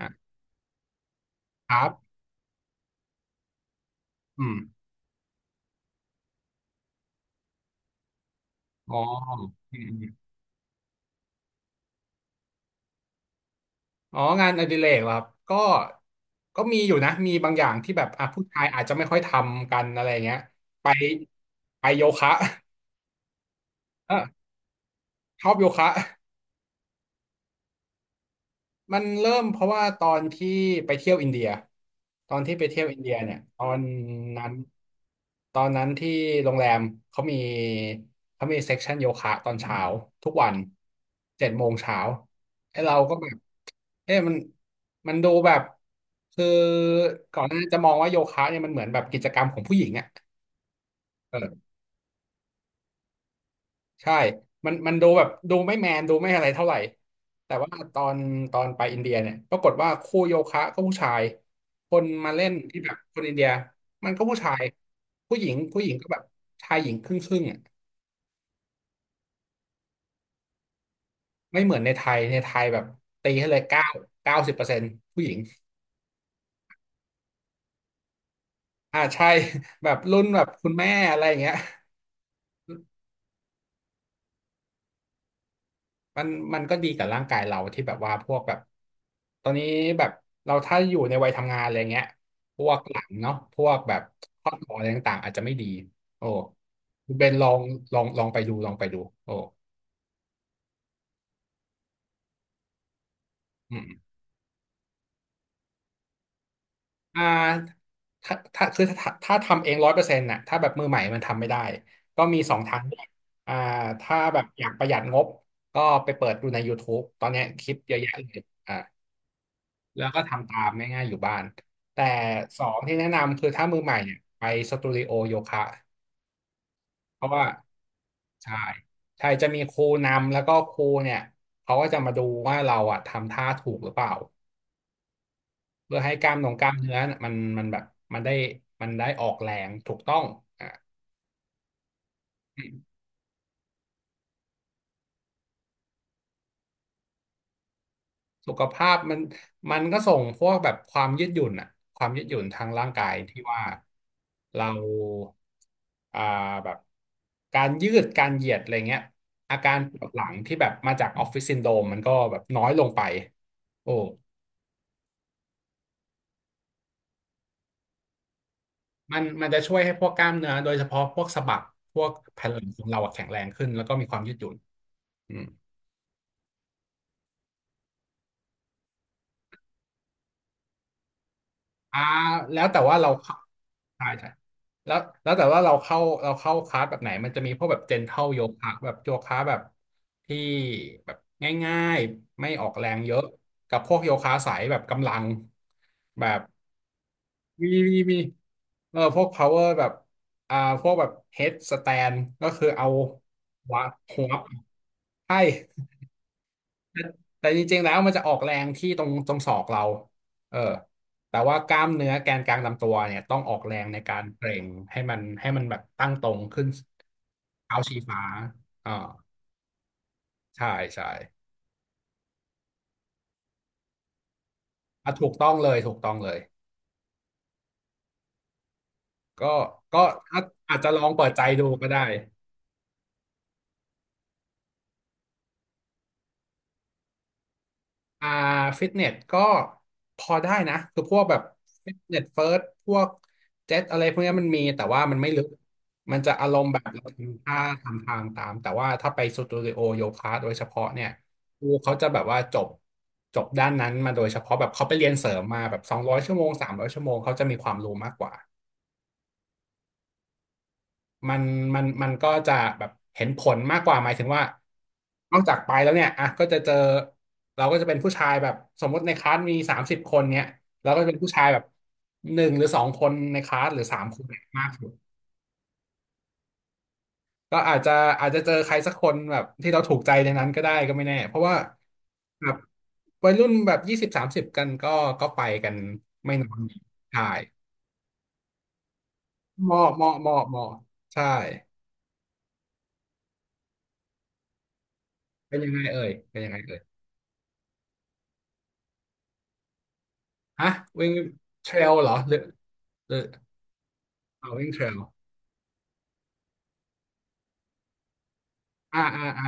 อ่ะครับอืมอ๋ออืมอืมอ๋องานอดิเรกเหรอครับก็มีอยู่นะ มีบางอย่างที่แบบอ่ะผู้ชายอาจจะไม่ค่อยทำกันอะไรเงี้ย ไปไปโยคะ เออชอบโยคะ มันเริ่มเพราะว่าตอนที่ไปเที่ยวอินเดียตอนที่ไปเที่ยวอินเดียเนี่ยนั้นตอนนั้นที่โรงแรมเขามีเขามีเซ็กชันโยคะตอนเช้าทุกวัน7 โมงเช้าไอ้เราก็แบบเอ๊ะมันดูแบบคือก่อนหน้านั้นจะมองว่าโยคะเนี่ยมันเหมือนแบบกิจกรรมของผู้หญิงอะเออ ใช่มันดูแบบดูไม่แมนดูไม่อะไรเท่าไหร่แต่ว่าตอนตอนไปอินเดียเนี่ยปรากฏว่าคู่โยคะก็ผู้ชาย คนมาเล่นที่แบบคนอินเดียมันก็ผู้ชาย ผู้หญิงผู้หญิงก็แบบชายหญิงครึ่งครึ่งอ่ะไม่เหมือนในไทยในไทยแบบตีให้เลย90%ผู้หญิง อ่าใช่ แบบรุ่นแบบคุณแม่อะไรอย่างเงี้ย มันมันก็ดีกับร่างกายเราที่แบบว่าพวกแบบตอนนี้แบบเราถ้าอยู่ในวัยทำงานอะไรเงี้ยพวกหลังเนาะพวกแบบข้อต่ออะไรต่างๆอาจจะไม่ดีโอ้คุณเบนลองลองไปดูโอ้อืมอ่าถ้าทำเอง100%น่ะถ้าแบบมือใหม่มันทำไม่ได้ก็มีสองทางเลือกอ่าถ้าแบบอยากประหยัดงบก็ไปเปิดดูใน YouTube ตอนเนี้ยคลิปเยอะแยะเลยอ่า แล้วก็ทำตามง่ายๆอยู่บ้าน แต่สองที่แนะนำคือถ้ามือใหม่เนี่ยไปสตูดิโอโยคะเพราะว่าใช่ใช่จะมีครูนำแล้วก็ครูเนี่ยเขาก็จะมาดูว่าเราอะทำท่าถูกหรือเปล่าเพื่อให้กล้ามเนื้อน่ะมันแบบมันได้มันได้ออกแรงถูกต้องอ่ะ สุขภาพมันก็ส่งพวกแบบความยืดหยุ่นอะความยืดหยุ่นทางร่างกายที่ว่าเราอ่าแบบการยืดการเหยียดอะไรเงี้ยอาการปวดหลังที่แบบมาจากออฟฟิศซินโดรมมันก็แบบน้อยลงไปโอ้มันจะช่วยให้พวกกล้ามเนื้อโดยเฉพาะพวกสะบักพวกแผ่นหลังของเราอะแข็งแรงขึ้นแล้วก็มีความยืดหยุ่นอืม อ่าแล้วแต่ว่าเราเข้าใช่ใช่แล้วแล้วแต่ว่าเราเข้าคลาสแบบไหนมันจะมีพวกแบบเจนเท l ลโยคะแบบโยคะแบบที่แบบง่ายๆไม่ออกแรงเยอะกับพวกโยคะสายแบบกำลังแบบมีเออพวก power แบบอ่าพวกแบบ head stand ก็คือเอาหัวหัวใช่ แต่จริงๆแล้วมันจะออกแรงที่ตรงศอกเราเออแต่ว่ากล้ามเนื้อแกนกลางลำตัวเนี่ยต้องออกแรงในการเกร็งให้มันแบบตั้งตรงขึ้นเท้าชี้ฟ้าอ่าใช่ใช่อ่ะถูกต้องเลยถูกต้องเลย ก็ก็อาจจะลองเปิดใจดูก็ได้ อ่าฟิตเนสก็พอได้นะคือพวกแบบฟิตเนสเฟิร์สพวกเจ็ตอะไรพวกเนี้ยมันมีแต่ว่ามันไม่ลึกมันจะอารมณ์แบบเราทำท่าทำทางตามแต่ว่าถ้าไปสตูดิโอโยคะโดยเฉพาะเนี่ยครูเขาจะแบบว่าจบด้านนั้นมาโดยเฉพาะแบบเขาไปเรียนเสริมมาแบบ200 ชั่วโมง 300 ชั่วโมงเขาจะมีความรู้มากกว่า มันมันก็จะแบบเห็นผลมากกว่าหมายถึงว่านอกจากไปแล้วเนี่ยอ่ะก็จะเจอเราก็จะเป็นผู้ชายแบบสมมติในคลาสมี30 คนเนี่ยเราก็จะเป็นผู้ชายแบบหนึ่งหรือสองคนในคลาสหรือสามคนเนี่ยมากสุดก็อาจจะเจอใครสักคนแบบที่เราถูกใจในนั้นก็ได้ก็ไม่แน่เพราะว่าแบบวัยรุ่นแบบ20-30กันก็ไปกันไม่น้อยใช่เหมาะเหมาะเหมาะเหมาะใช่เป็นยังไงเอ่ยเป็นยังไงเอ่ย ฮะวิ่งเทรลเหรอหรือเอาวิ่งเทรลอ่าอ่าอ่า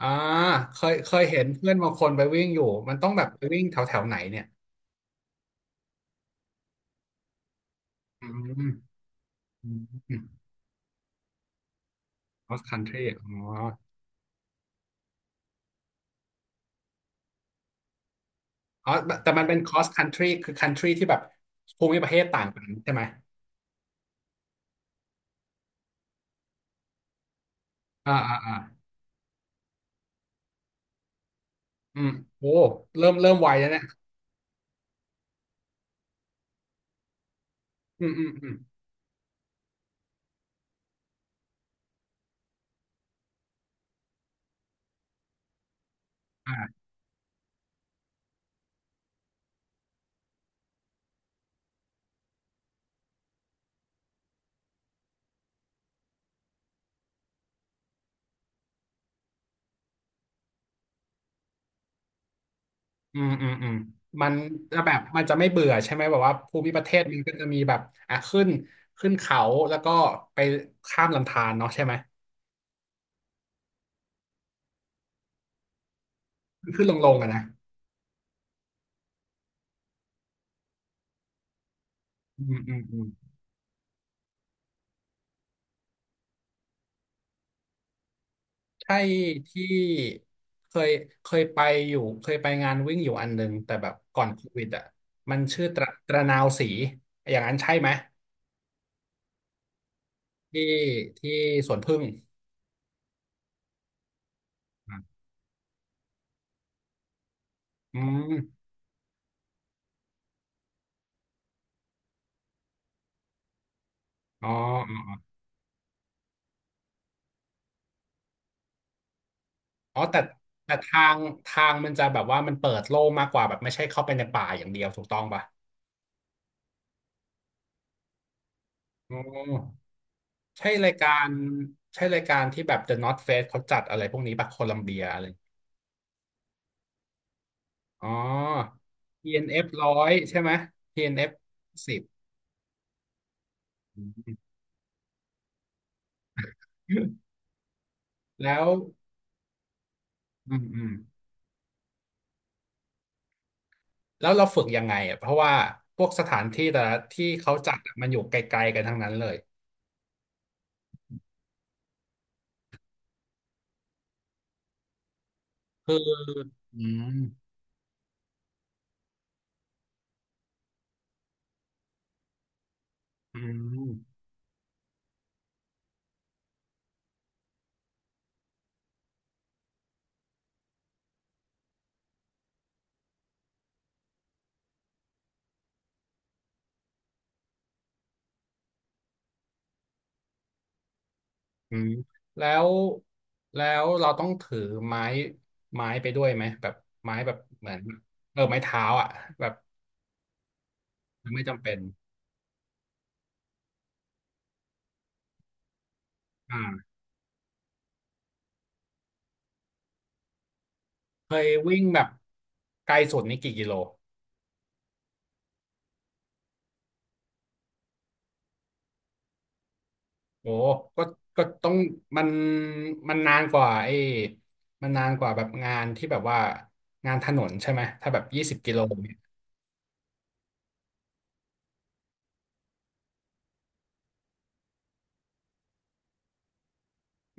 อ่าเคยเห็นเพื่อนบางคนไปวิ่งอยู่มันต้องแบบไปวิ่งแถวแถวไหนเนี่ยอืมอืม cross country อ๋ออ๋อแต่มันเป็น cross country คือ country ที่แบบภูมิประเทศต่างกันใช่ไหมอ่าอ่าอ่าอืมโอ้เริ่มไวแล้วเนี่ยอืมอืมอืมอ่า อืมอืมอืมมันจะแบบมันจะไม่เบื่อใช่ไหมแบบว่าภูมิประเทศมันก็จะมีแบบอ่ะขึ้นเขาแล้วก็ไปข้ามลำธารเนาะใช่ไหมขึ้นลงอะนะอืมอืมอืมใช่ที่เคยเคยไปอยู่เคยไปงานวิ่งอยู่อันหนึ่งแต่แบบก่อนโควิดอ่ะมันชื่อตระนาวสีอย่างนั้นใช่ไหมที่ที่สวนผึ้งอืมอ๋อ อ๋อแต่ทางมันจะแบบว่ามันเปิดโล่งมากกว่าแบบไม่ใช่เข้าไปในป่าอย่างเดียวถูกต้องป่ะอ๋อใช่รายการใช่รายการที่แบบ The North Face เขาจัดอะไรพวกนี้ป่ะโคลัมเบียอะไรอ๋อ TNF 100ใช่ไหม TNF 10 แล้วอืมอืมแล้วเราฝึกยังไงอ่ะเพราะว่าพวกสถานที่แต่ละที่เขาจัดอะมันอยู่ไกลๆกันทั้งนั้นเลยคืออืมอืม อืมแล้วเราต้องถือไม้ไปด้วยไหมแบบไม้แบบเหมือนเออไม้เท้าอ่ะแบบไม่จำเป็นอ่าเคยวิ่งแบบไกลสุดนี่กี่กิโลโอ้ก็ต้องมันนานกว่าไอ้มันนานกว่าแบบงานที่แบบว่างานถนนใช่ไหมถ้าแบบยี่สิบกิโลเนี่ย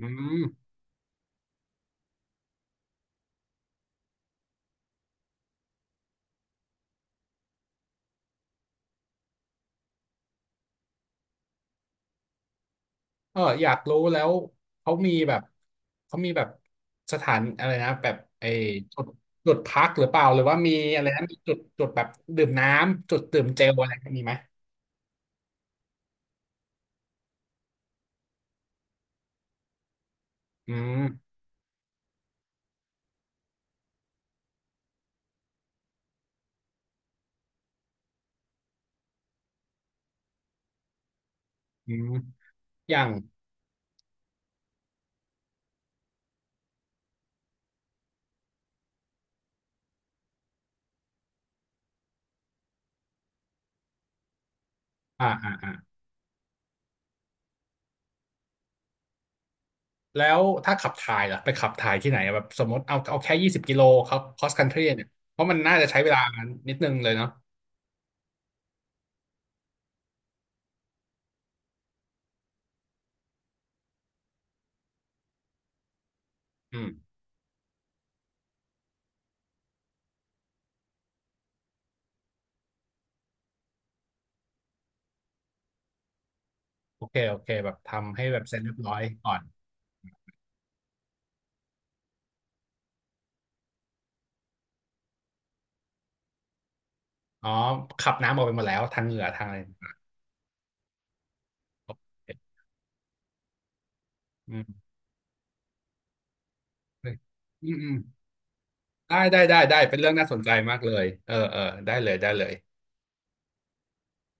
อืม เอออยากรู้แล้วเขามีแบบเขามีแบบสถานอะไรนะแบบไอ้จุดพักหรือเปล่าหรือว่ามีอะไรนะมีจุดแบบดื่มน้ำจุดดื่มเจลอะไรมีไหมอืมอืมอย่างอ่าอ่าอ่าแล้วถ้าขับถ่ายล่ะไปขับถ่ายที่ไหนอะแบบสมมติเอาแค่ยี่สิบกิโลครับคอสคันทรีเนี่ยเพราะมันน่าจะใช้เวลานิดนึงเลยเนาะอืมโอเคโอเคแบบทำให้แบบเสร็จเรียบร้อยก่อนอ๋อขับน้ำออกไปหมดแล้วทางเหงื่อทางอะไรโอเคอืมอืมอืม ได้ได้เป็นเรื่องน่าสนใจมากเลยเออเออได้เลยได้เลย